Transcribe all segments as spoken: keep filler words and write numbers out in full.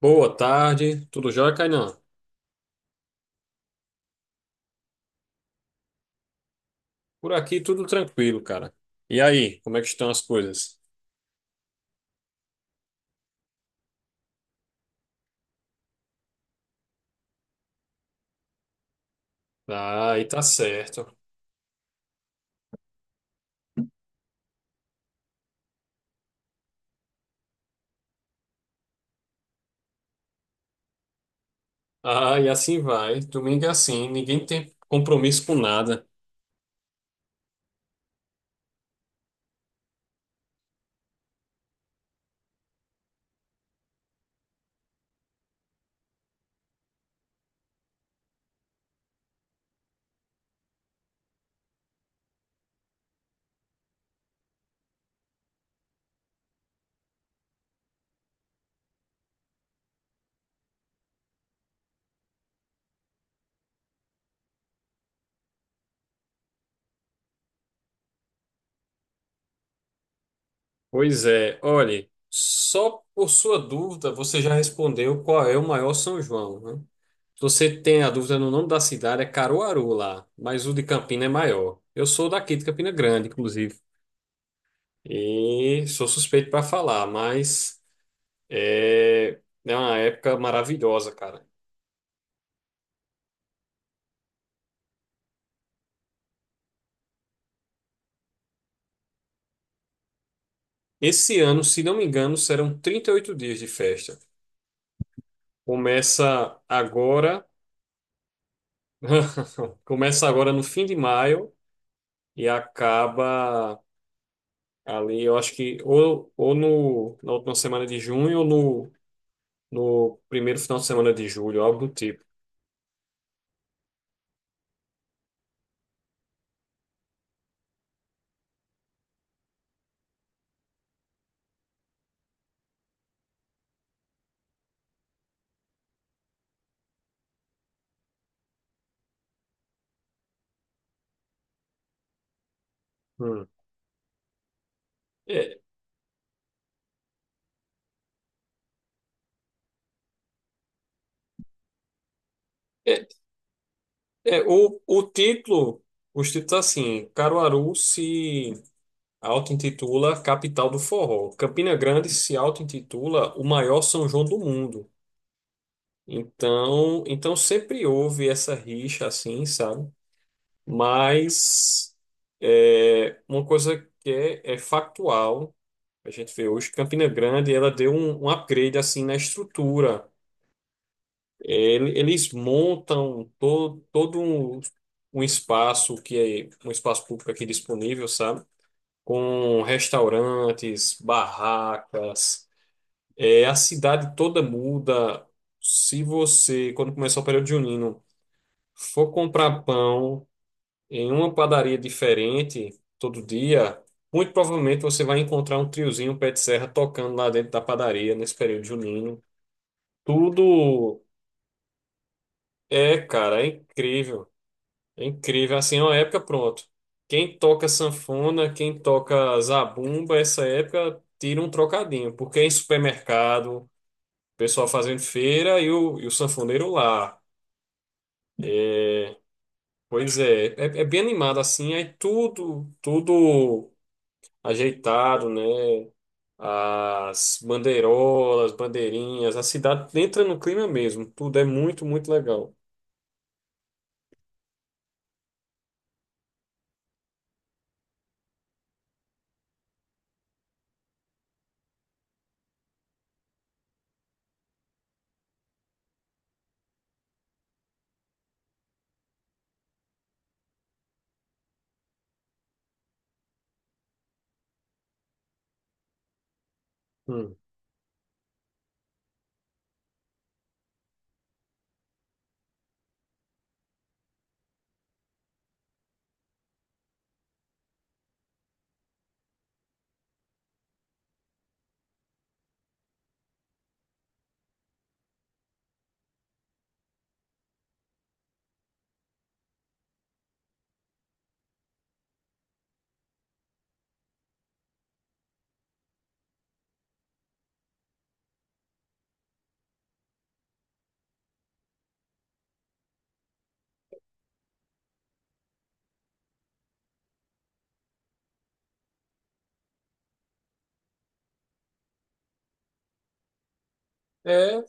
Boa tarde, tudo jóia, Kainan? Por aqui tudo tranquilo, cara. E aí, como é que estão as coisas? Ah, aí tá certo. Ah, e assim vai. Domingo é assim, ninguém tem compromisso com nada. Pois é, olhe, só por sua dúvida você já respondeu qual é o maior São João, né? Se você tem a dúvida no nome da cidade, é Caruaru lá, mas o de Campina é maior. Eu sou daqui de Campina Grande, inclusive, e sou suspeito para falar, mas. É, é uma época maravilhosa, cara. Esse ano, se não me engano, serão trinta e oito dias de festa. Começa agora, começa agora no fim de maio e acaba ali, eu acho que ou, ou no, na última semana de junho ou no, no primeiro final de semana de julho, algo do tipo. Hum. É, é, é, o, o título, os títulos assim, Caruaru se auto-intitula Capital do Forró. Campina Grande se auto-intitula o maior São João do mundo. Então, então sempre houve essa rixa assim, sabe? Mas é, uma coisa que é, é factual, a gente vê hoje, Campina Grande, ela deu um, um upgrade assim na estrutura. Ele- Eles montam todo, todo um, um espaço que é um espaço público aqui disponível, sabe? Com restaurantes, barracas. É, a cidade toda muda. Se você, quando começar o período junino, for comprar pão em uma padaria diferente todo dia, muito provavelmente você vai encontrar um triozinho um pé de serra tocando lá dentro da padaria nesse período junino. Tudo é, cara, é incrível. É incrível, assim, é uma época, pronto. Quem toca sanfona, quem toca zabumba, essa época tira um trocadinho, porque é em supermercado, pessoal fazendo feira e o, e o sanfoneiro lá. Pois é, é, é bem animado assim, aí tudo, tudo ajeitado, né? As bandeirolas, bandeirinhas, a cidade entra no clima mesmo, tudo é muito, muito legal. Hum. É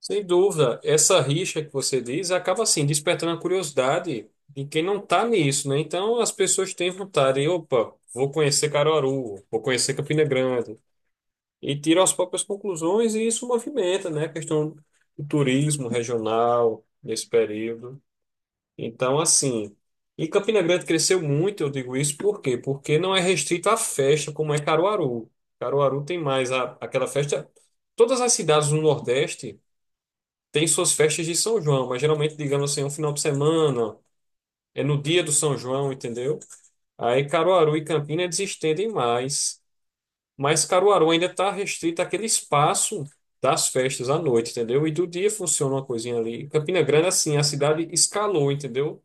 Sem dúvida, essa rixa que você diz acaba assim despertando a curiosidade de quem não está nisso, né? Então as pessoas têm vontade, e, opa, vou conhecer Caruaru, vou conhecer Campina Grande e tiram as próprias conclusões e isso movimenta, né? A questão do turismo regional nesse período. Então assim, e Campina Grande cresceu muito, eu digo isso por quê? Porque não é restrito à festa como é Caruaru. Caruaru tem mais a, aquela festa. Todas as cidades do Nordeste tem suas festas de São João, mas geralmente, digamos assim, é um final de semana, é no dia do São João, entendeu? Aí Caruaru e Campina eles estendem mais, mas Caruaru ainda está restrito àquele espaço das festas à noite, entendeu? E do dia funciona uma coisinha ali. Campina Grande, assim, a cidade escalou, entendeu?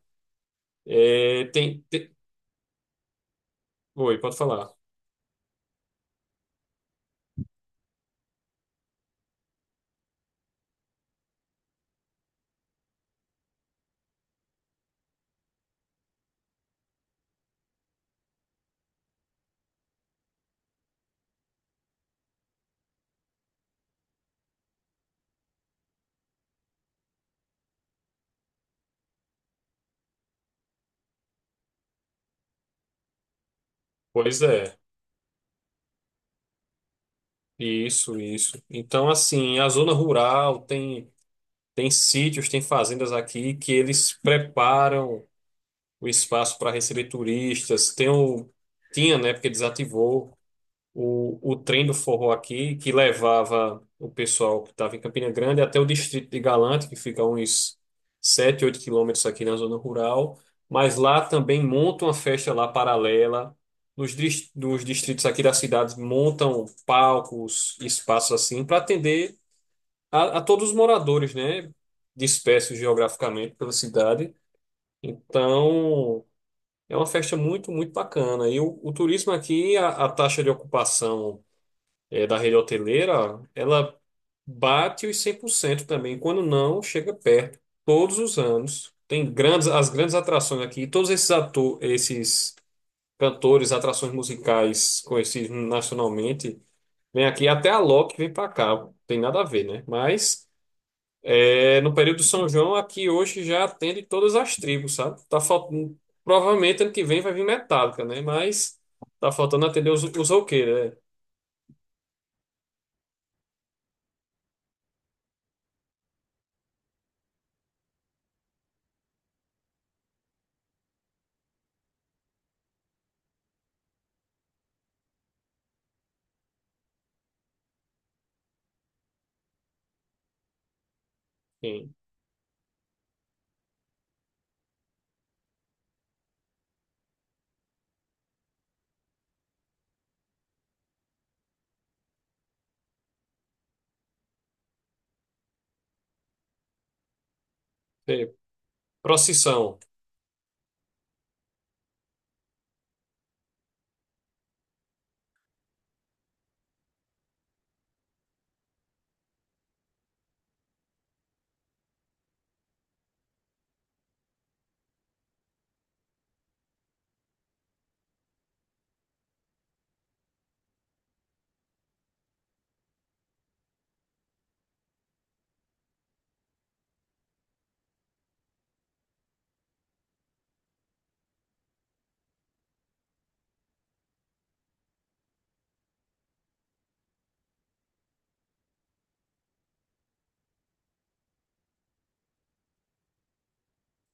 É, tem, tem... Oi, pode falar. Pois é, isso, isso. Então, assim, a zona rural tem, tem sítios, tem fazendas aqui que eles preparam. O espaço para receber turistas. Tem o, tinha, né, porque desativou o, o trem do forró aqui, que levava o pessoal que estava em Campina Grande até o distrito de Galante, que fica uns sete oito quilômetros aqui na zona rural. Mas lá também montam uma festa lá paralela. Nos, dis- nos distritos aqui da cidade montam palcos, espaços assim, para atender a, a todos os moradores, né? Dispersos geograficamente pela cidade. Então, é uma festa muito, muito bacana. E o, o turismo aqui, a, a taxa de ocupação eh, da rede hoteleira, ela bate os cem por cento também. Quando não, chega perto. Todos os anos. Tem grandes, as grandes atrações aqui. Todos esses ator, esses cantores, atrações musicais conhecidos nacionalmente, vêm aqui. Até a Loki vem para cá. Tem nada a ver, né? Mas é, no período de São João, aqui hoje já atende todas as tribos, sabe? Tá faltando, provavelmente ano que vem vai vir Metallica, né? Mas tá faltando atender os, os roqueiros, né? Sim. Sim. Procissão.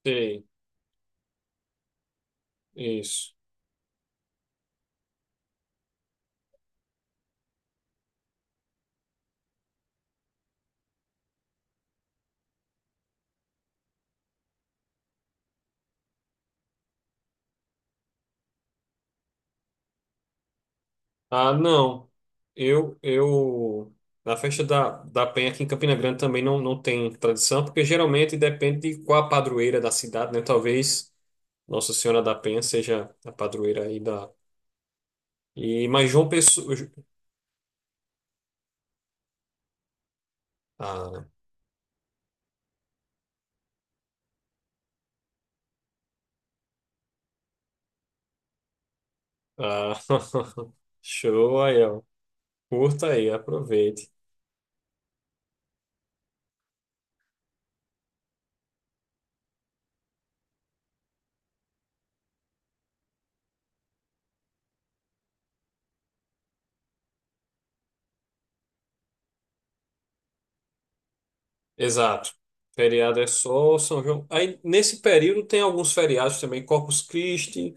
Sim. Isso. Ah, não. Eu, eu, na festa da, da Penha aqui em Campina Grande também não, não tem tradição, porque geralmente depende de qual a padroeira da cidade, né? Talvez Nossa Senhora da Penha seja a padroeira aí da. E, mas João Pessoa. Ah, ah, show aí, ó. Curta aí, aproveite. Exato. Feriado é só São João. Aí, nesse período, tem alguns feriados também. Corpus Christi,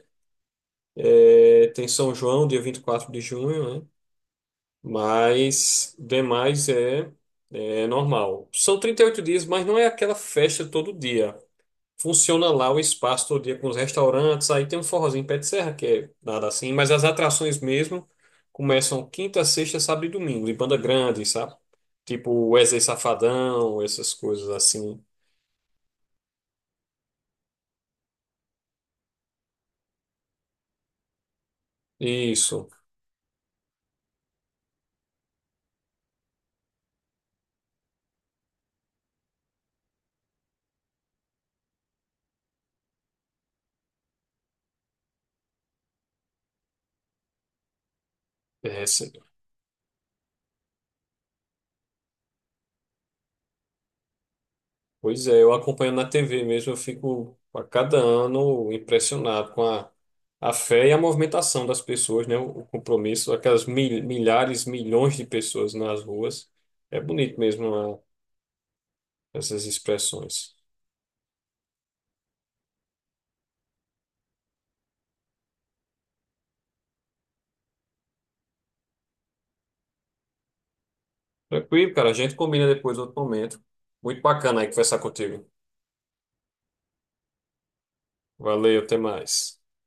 é, tem São João, dia vinte e quatro de junho, né? Mas, demais é, é normal. São trinta e oito dias, mas não é aquela festa todo dia. Funciona lá o espaço todo dia com os restaurantes, aí tem um forrozinho pé de serra, que é nada assim, mas as atrações mesmo começam quinta, sexta, sábado e domingo, de banda grande, sabe? Tipo Wesley Safadão, essas coisas assim. Isso. É, sim. Pois é, eu acompanho na T V mesmo, eu fico a cada ano impressionado com a, a fé e a movimentação das pessoas, né? O, o compromisso, aquelas mil- milhares, milhões de pessoas nas ruas. É bonito mesmo, né, essas expressões. Tranquilo, cara. A gente combina depois outro momento. Muito bacana aí conversar contigo. Valeu, até mais.